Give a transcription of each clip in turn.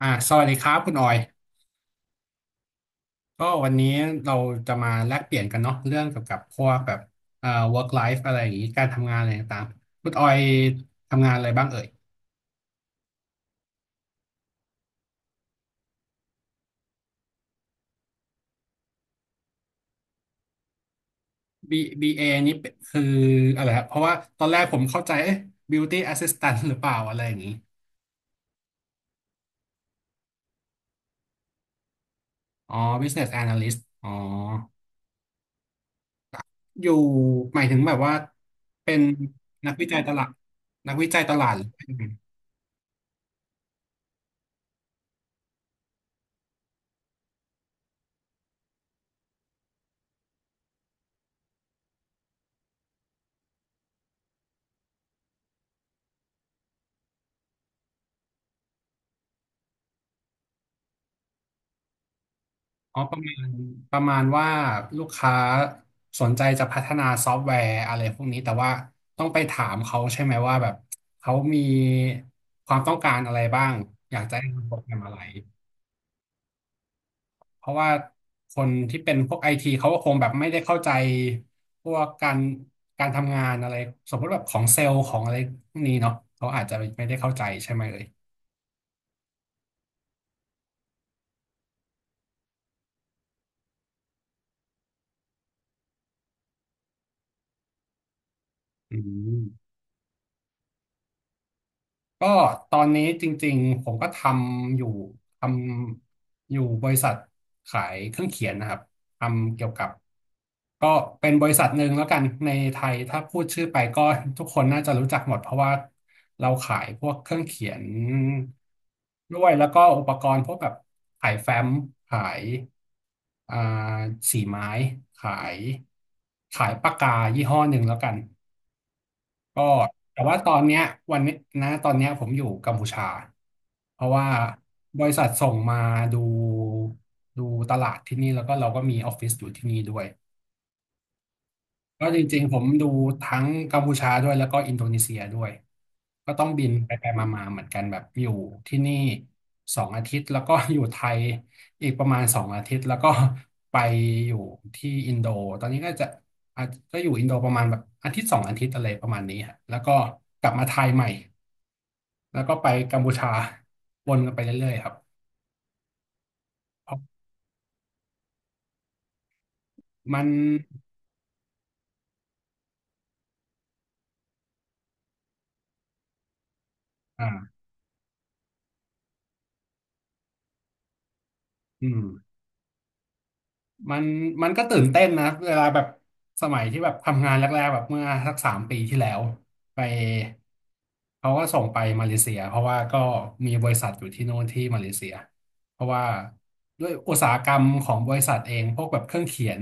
สวัสดีครับคุณออยก็วันนี้เราจะมาแลกเปลี่ยนกันเนาะเรื่องเกี่ยวกับพวกแบบเอ่อ work life อะไรอย่างนี้การทำงานอะไรต่างๆคุณออยทำงานอะไรบ้างเอ่ย B BA นี่เป็นคืออะไรครับเพราะว่าตอนแรกผมเข้าใจเอ๊ะ beauty assistant หรือเปล่าอะไรอย่างนี้อ๋อ business analyst อ๋ออยู่หมายถึงแบบว่าเป็นนักวิจัยตลาดนักวิจัยตลาด อ๋อประมาณว่าลูกค้าสนใจจะพัฒนาซอฟต์แวร์อะไรพวกนี้แต่ว่าต้องไปถามเขาใช่ไหมว่าแบบเขามีความต้องการอะไรบ้างอยากจะให้ทำโปรแกรมอะไรเพราะว่าคนที่เป็นพวกไอทีเขาก็คงแบบไม่ได้เข้าใจพวกการทำงานอะไรสมมติแบบของเซลล์ของอะไรพวกนี้เนาะเขาอาจจะไม่ได้เข้าใจใช่ไหมเลยอืม ก็ตอนนี้จริงๆผมก็ำอยู่ทำอยู่บริษัทขายเครื่องเขียนนะครับทำเกี่ยวกับก็เป็นบริษัทหนึ่งแล้วกันในไทยถ้าพูดชื่อไปก็ทุกคนน่าจะรู้จักหมดเพราะว่าเราขายพวกเครื่องเขียนด้วยแล้วก็อุปกรณ์พวกแบบขายแฟ้มขายอ่าสีไม้ขายขายปากกายี่ห้อหนึ่งแล้วกัน ก็แต่ว่าตอนเนี้ยวันนี้นะตอนเนี้ยผมอยู่กัมพูชาเพราะว่าบริษัทส่งมาดูดูตลาดที่นี่แล้วก็เราก็มีออฟฟิศอยู่ที่นี่ด้วย ก็จริงๆผมดูทั้งกัมพูชาด้วยแล้วก็อินโดนีเซียด้วยก็ต้องบินไปมาๆเหมือนกันแบบอยู่ที่นี่สองอาทิตย์แล้วก็อยู่ไทยอีกประมาณสองอาทิตย์แล้วก็ไปอยู่ที่อินโดตอนนี้ก็จะอาจก็อยู่อินโดประมาณแบบอาทิตย์สองอาทิตย์อะไรประมาณนี้ฮะแล้วก็กลับมาไทยใหม่แล้วก็ไปกัมพูชาวนกันไปเรื่อยๆครับเพราะมันอ่าอืม มันมันก็ตื่นเต้นนะเวลาแบบสมัยที่แบบทำงานแรกๆแบบเมื่อสัก3 ปีที่แล้วไปเขาก็ส่งไปมาเลเซียเพราะว่าก็มีบริษัทอยู่ที่โน่นที่มาเลเซียเพราะว่าด้วยอุตสาหกรรมของบริษัทเองพวกแบบเครื่องเขียน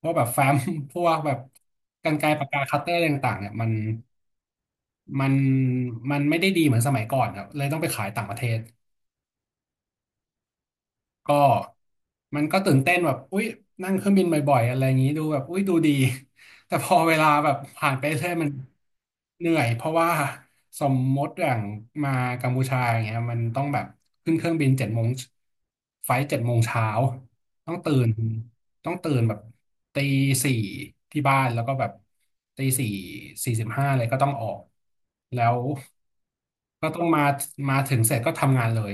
พวกแบบแฟ้ม พวกแบบกรรไกรปากกาคัตเตอร์อะไรต่างๆเนี่ยมันมันไม่ได้ดีเหมือนสมัยก่อนครับเลยต้องไปขายต่างประเทศ ก็มันก็ตื่นเต้นแบบอุ๊ยนั่งเครื่องบินบ่อยๆอะไรอย่างนี้ดูแบบอุ๊ยดูดี แต่พอเวลาแบบผ่านไปเรื่อยมันเหนื่อยเพราะว่าสมมติอย่างมากัมพูชาอย่างเงี้ยมันต้องแบบขึ้นเครื่องบินเจ็ดโมงไฟล์7 โมงเช้าต้องตื่นต้องตื่นแบบตีสี่ที่บ้านแล้วก็แบบตี 4:45เลยก็ต้องออกแล้วก็ต้องมาถึงเสร็จก็ทำงานเลย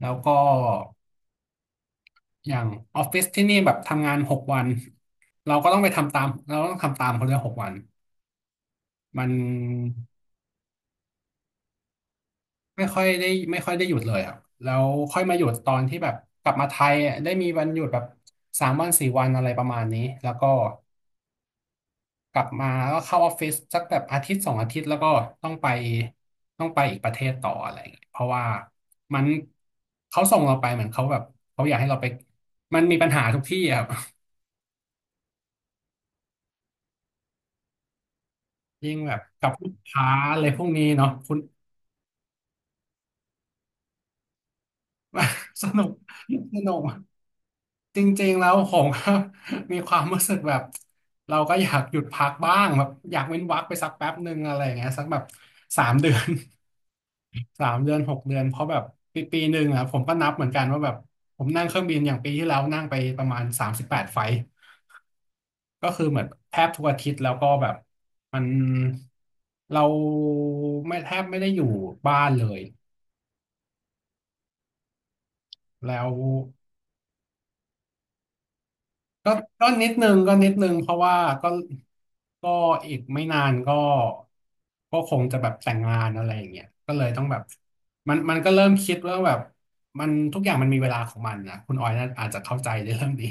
แล้วก็ อย่างออฟฟิศที่นี่แบบทำงานหกวันเราก็ต้องไปทำตามเราก็ต้องทำตามเขาเลยหกวันมันไม่ค่อยได้ไม่ค่อยได้หยุดเลยครับแล้วค่อยมาหยุดตอนที่แบบกลับมาไทยอะได้มีวันหยุดแบบ3 วัน 4 วันอะไรประมาณนี้แล้วก็กลับมาแล้วก็เข้าออฟฟิศสักแบบอาทิตย์สองอาทิตย์แล้วก็ต้องไปต้องไปอีกประเทศต่ออะไรอย่างเงี้ยเพราะว่ามันเขาส่งเราไปเหมือนเขาแบบเขาอยากให้เราไปมันมีปัญหาทุกที่อะครับยิ่งแบบกับลูกค้าอะไรพวกนี้เนาะคุณ สนุกสนุกจริงๆแล้วผมก็ มีความรู้สึกแบบเราก็อยากหยุดพักบ้างแบบอยากเว้นวรรคไปสักแป๊บหนึ่งอะไรอย่างเงี้ยสักแบบสามเดือน 3 เดือน6 เดือนเพราะแบบปีปีหนึ่งอะผมก็นับเหมือนกันว่าแบบผมนั่งเครื่องบินอย่างปีที่แล้วนั่งไปประมาณ38 ไฟล์ก็คือเหมือนแทบทุกอาทิตย์แล้วก็แบบมันเราไม่แทบไม่ได้อยู่บ้านเลยแล้ว ก็ก็นิดนึงก็นิดนึงเพราะว่าก็ก็อีกไม่นานก็คงจะแบบแต่งงานอะไรอย่างเงี้ยก็เลยต้องแบบมันก็เริ่มคิดว่าแบบมันทุกอย่างมันมีเวลาของมันนะคุณออยน่าอาจจะเข้าใจในเรื่องนี้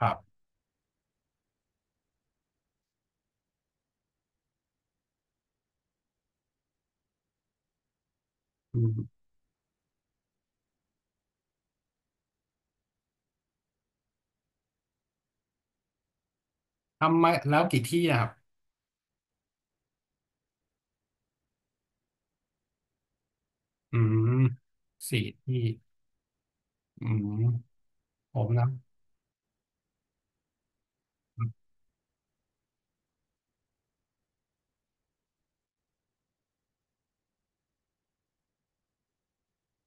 ครับอืมทำมาแล้วกี่ที่นะครับอืมสี่ที่อืมผมนะ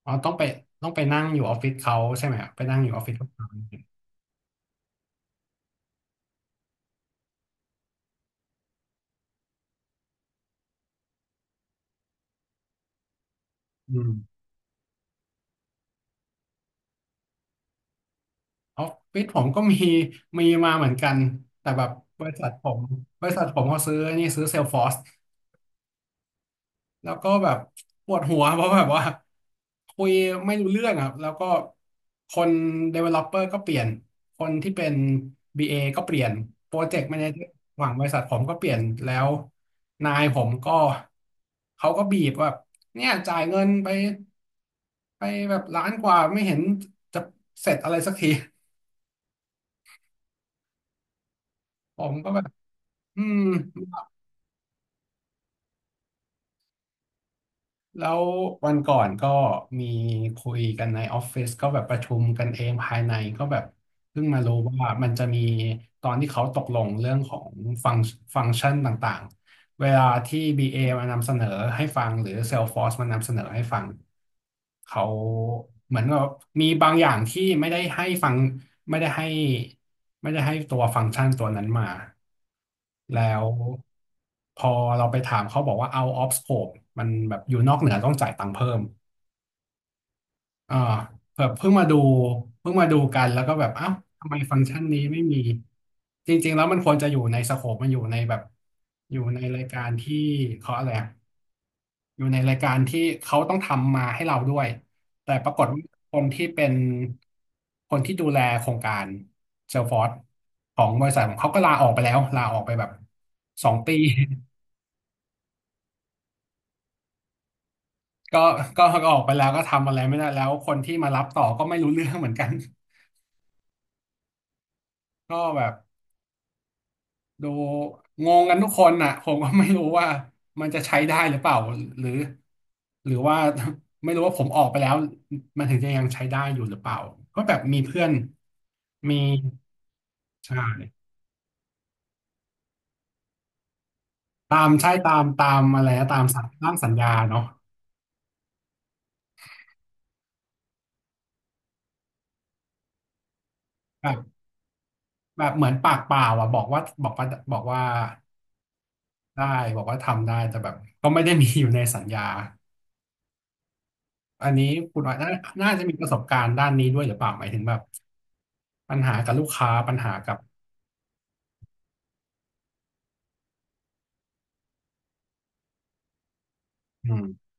อ๋อต้องไปนั่งอยู่ออฟฟิศเขาใช่ไหมครับไปนั่งอยู่ออฟฟิศเขาอืม ออฟฟิศผมก็มีมาเหมือนกันแต่แบบบริษัทผมบริษัทผมเขาซื้อนี่ซื้อเซลฟอร์สแล้วก็แบบปวดหัวเพราะแบบว่าคุยไม่รู้เรื่องอ่ะแล้วก็คน developer ก็เปลี่ยนคนที่เป็น BA ก็เปลี่ยนโปรเจกต์ a ม a g e r หวังบริษัทผมก็เปลี่ยนแล้วนายผมก็เขาก็บีบแบบเนี่ยจ่ายเงินไปไปแบบล้านกว่าไม่เห็นจะเสร็จอะไรสักทีผมก็แบบอืม แล้ววันก่อนก็มีคุยกันในออฟฟิศก็แบบประชุมกันเองภายในก็แบบเพิ่งมารู้ว่ามันจะมีตอนที่เขาตกลงเรื่องของฟังฟังก์ชันต่างๆ เวลาที่ BA มานำเสนอให้ฟังหรือ Salesforce มานำเสนอให้ฟัง เขาเหมือนกับมีบางอย่างที่ไม่ได้ให้ฟังไม่ได้ให้ไม่ได้ให้ตัวฟังก์ชันตัวนั้นมา แล้วพอเราไปถามเขาบอกว่า out of scope มันแบบอยู่นอกเหนือต้องจ่ายตังค์เพิ่ม เออแบบเพิ่งมาดูกันแล้วก็แบบเอ้าทำไมฟังก์ชันนี้ไม่มีจริงๆแล้วมันควรจะอยู่ในสโคปมันอยู่ในแบบอยู่ในรายการที่เขาอะไรอะอยู่ในรายการที่เขาต้องทำมาให้เราด้วยแต่ปรากฏว่าคนที่เป็นคนที่ดูแลโครงการเซลฟอร์ e ของบริษัทผมเขาก็ลาออกไปแล้วลาออกไปแบบสองปี ก็ก็ออกไปแล้วก็ทำอะไรไม่ได้แล้วคนที่มารับต่อก็ไม่รู้เรื่องเหมือนกัน ก็แบบ ดูงงกันทุกคนน่ะผมก็ไม่รู้ว่ามันจะใช้ได้หรือเปล่าหรือหรือว่าไม่รู้ว่าผมออกไปแล้วมันถึงจะยังใช้ได้อยู่หรือเปล่าก็แบบมีเพื่อนมีใช่ตามใช่ตามอะไรนะตามสัญร่างสัญญาเนาะแบบแบบเหมือนปากเปล่าอ่ะบอกว่าบอกว่าได้บอกว่าทำได้แต่แบบก็ไม่ได้มีอยู่ในสัญญา อันนี้คุณออยน่าน่าจะมีประสบการณ์ด้านนี้ด้วยหรือเปล่าหมายถึงแบบปัญหากับลูกค้าปัญหากับอืม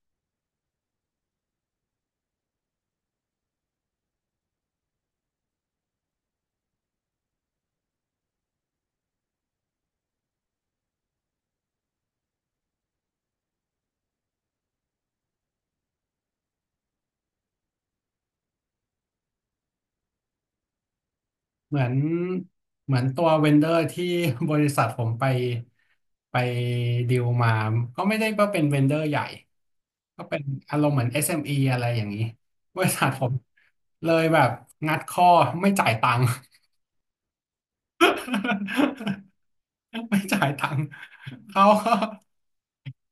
เหมือนเหมือนตัวเวนเดอร์ที่ บริษัทผมไปไปดีลมาก็ไม่ได้ว่าเป็นเวนเดอร์ใหญ่ก็เป็นอารมณ์เหมือน SME อสเอ็มอีอะไรอย่างนี้บริษัทผมเลยแบบงัดข้อไม่จ่ายตังค์ ไม่จ่ายตังค์เขาก็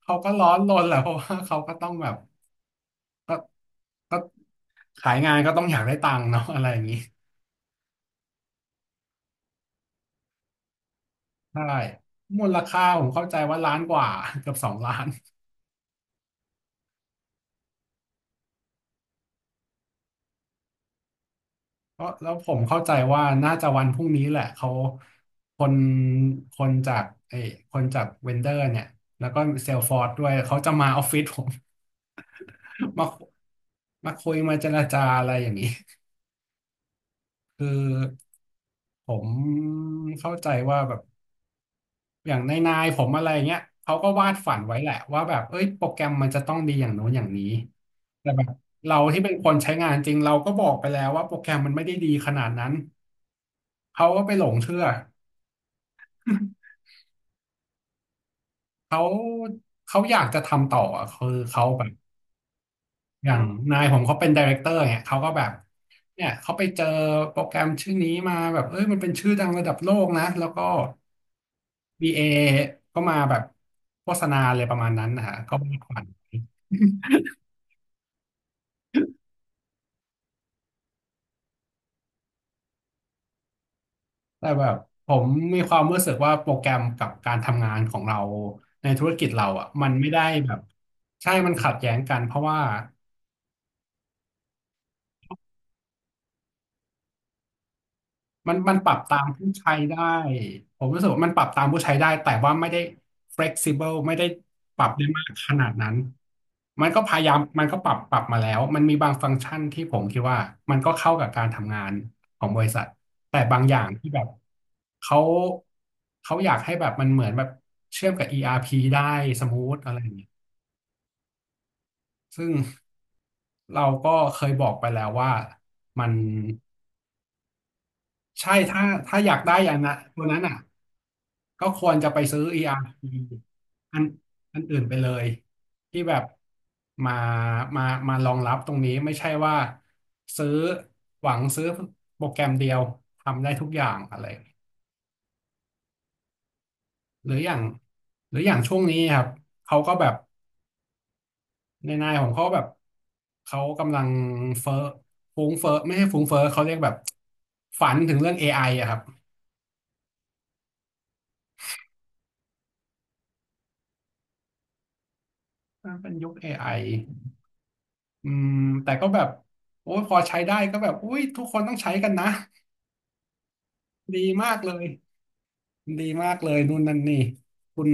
เขาก็ร้อนรนแหละเพราะว่าเขาก็ต้องแบบก็ ก็ขายงานก็ต้องอยากได้ตังค์เนาะ อะไรอย่างนี้ใช่มูลค่าผมเข้าใจว่าล้านกว่า เกือบสองล้านเพราะแล้วผมเข้าใจว่าน่าจะวันพรุ่งนี้แหละเขาคนคนจากเอ้ยคนจากเวนเดอร์เนี่ยแล้วก็เซลฟอร์ดด้วยเขาจะมาออฟฟิศผม มามาคุยมาเจรจาอะไรอย่างนี้คือผมเข้าใจว่าแบบ อย่างในนายๆผมอะไรเงี้ยเขาก็วาดฝันไว้แหละว่าแบบเอ้ยโปรแกรมมันจะต้องดีอย่างโน้นอย่างนี้แต่แบบเราที่เป็นคนใช้งานจริงเราก็บอกไปแล้วว่าโปรแกรมมันไม่ได้ดีขนาดนั้นเขาก็ไปหลงเชื่อ เขาเขาอยากจะทำต่ออะคือเขาแบบอย่างนายผมเขาเป็นไดเรคเตอร์เนี่ยเขาก็แบบเนี่ยเขาไปเจอโปรแกรมชื่อนี้มาแบบเอ้ยมันเป็นชื่อดังระดับโลกนะแล้วก็บีเอก็มาแบบโฆษณาเลยประมาณนั้นนะฮะก็วาดฝัน แต่แบบผมมีความรู้สึกว่าโปรแกรมกับการทำงานของเราในธุรกิจเราอ่ะมันไม่ได้แบบใช่มันขัดแย้งกันเพราะว่า มันปรับตามผู้ใช้ได้ผมรู้สึกว่ามันปรับตามผู้ใช้ได้แต่ว่าไม่ได้ flexible ไม่ได้ปรับได้มากขนาดนั้นมันก็พยายามมันก็ปรับมาแล้วมันมีบางฟังก์ชันที่ผมคิดว่ามันก็เข้ากับการทำงานของบริษัทแต่บางอย่างที่แบบเขาเขาอยากให้แบบมันเหมือนแบบเชื่อมกับ ERP ได้สมูทอะไรอย่างเงี้ยซึ่งเราก็เคยบอกไปแล้วว่ามัน ใช่ถ้าอยากได้อย่างนนตัวนั้นอ่ะก็ควรจะไปซื้อ ERP อาร์พีอันอันอื่นไปเลยที่แบบมามามารองรับตรงนี้ไม่ใช่ว่าซื้อหวังซื้อโปรแกรมเดียวทำได้ทุกอย่างอะไรหรืออย่างช่วงนี้ครับเขาก็แบบในนายของเขาแบบเขากำลังเฟ้อฟุ้งเฟ้อไม่ใช่ฟุ้งเฟ้อเขาเรียกแบบฝันถึงเรื่อง AI อไออะครับอ่าเป็นยุคเอไอ อืมแต่ก็แบบโอ้ยพอใช้ได้ก็แบบอุ้ยทุกคนต้องใช้กันนะดีมากเลยดีมากเลยนู่นนั่นนี่คุณ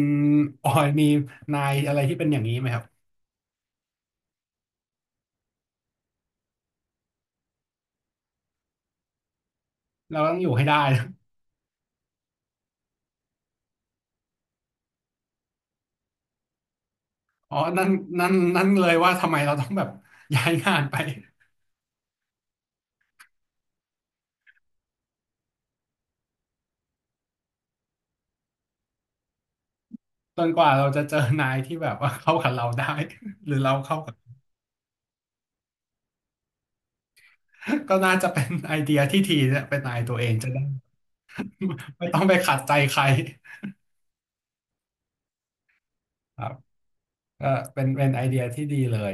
ออยมีนายอะไรที่เป็นอย่างนี้ไหมครับเราต้องอยู่ให้ได้ อ๋อนั่นนั่นเลยว่าทำไมเราต้องแบบ ย้ายงานไปจนกว่าเราจะเจอนายที่แบบว่า เข้ากับเราได้หรือเราเข้ากับ ก็น่าจะเป็นไอเดียที่ทีเนี่ยเป็นนายตัวเองจะได้ ไม่ต้องไปขัดใจใครครับก็เป็นไอเดียที่ดีเลย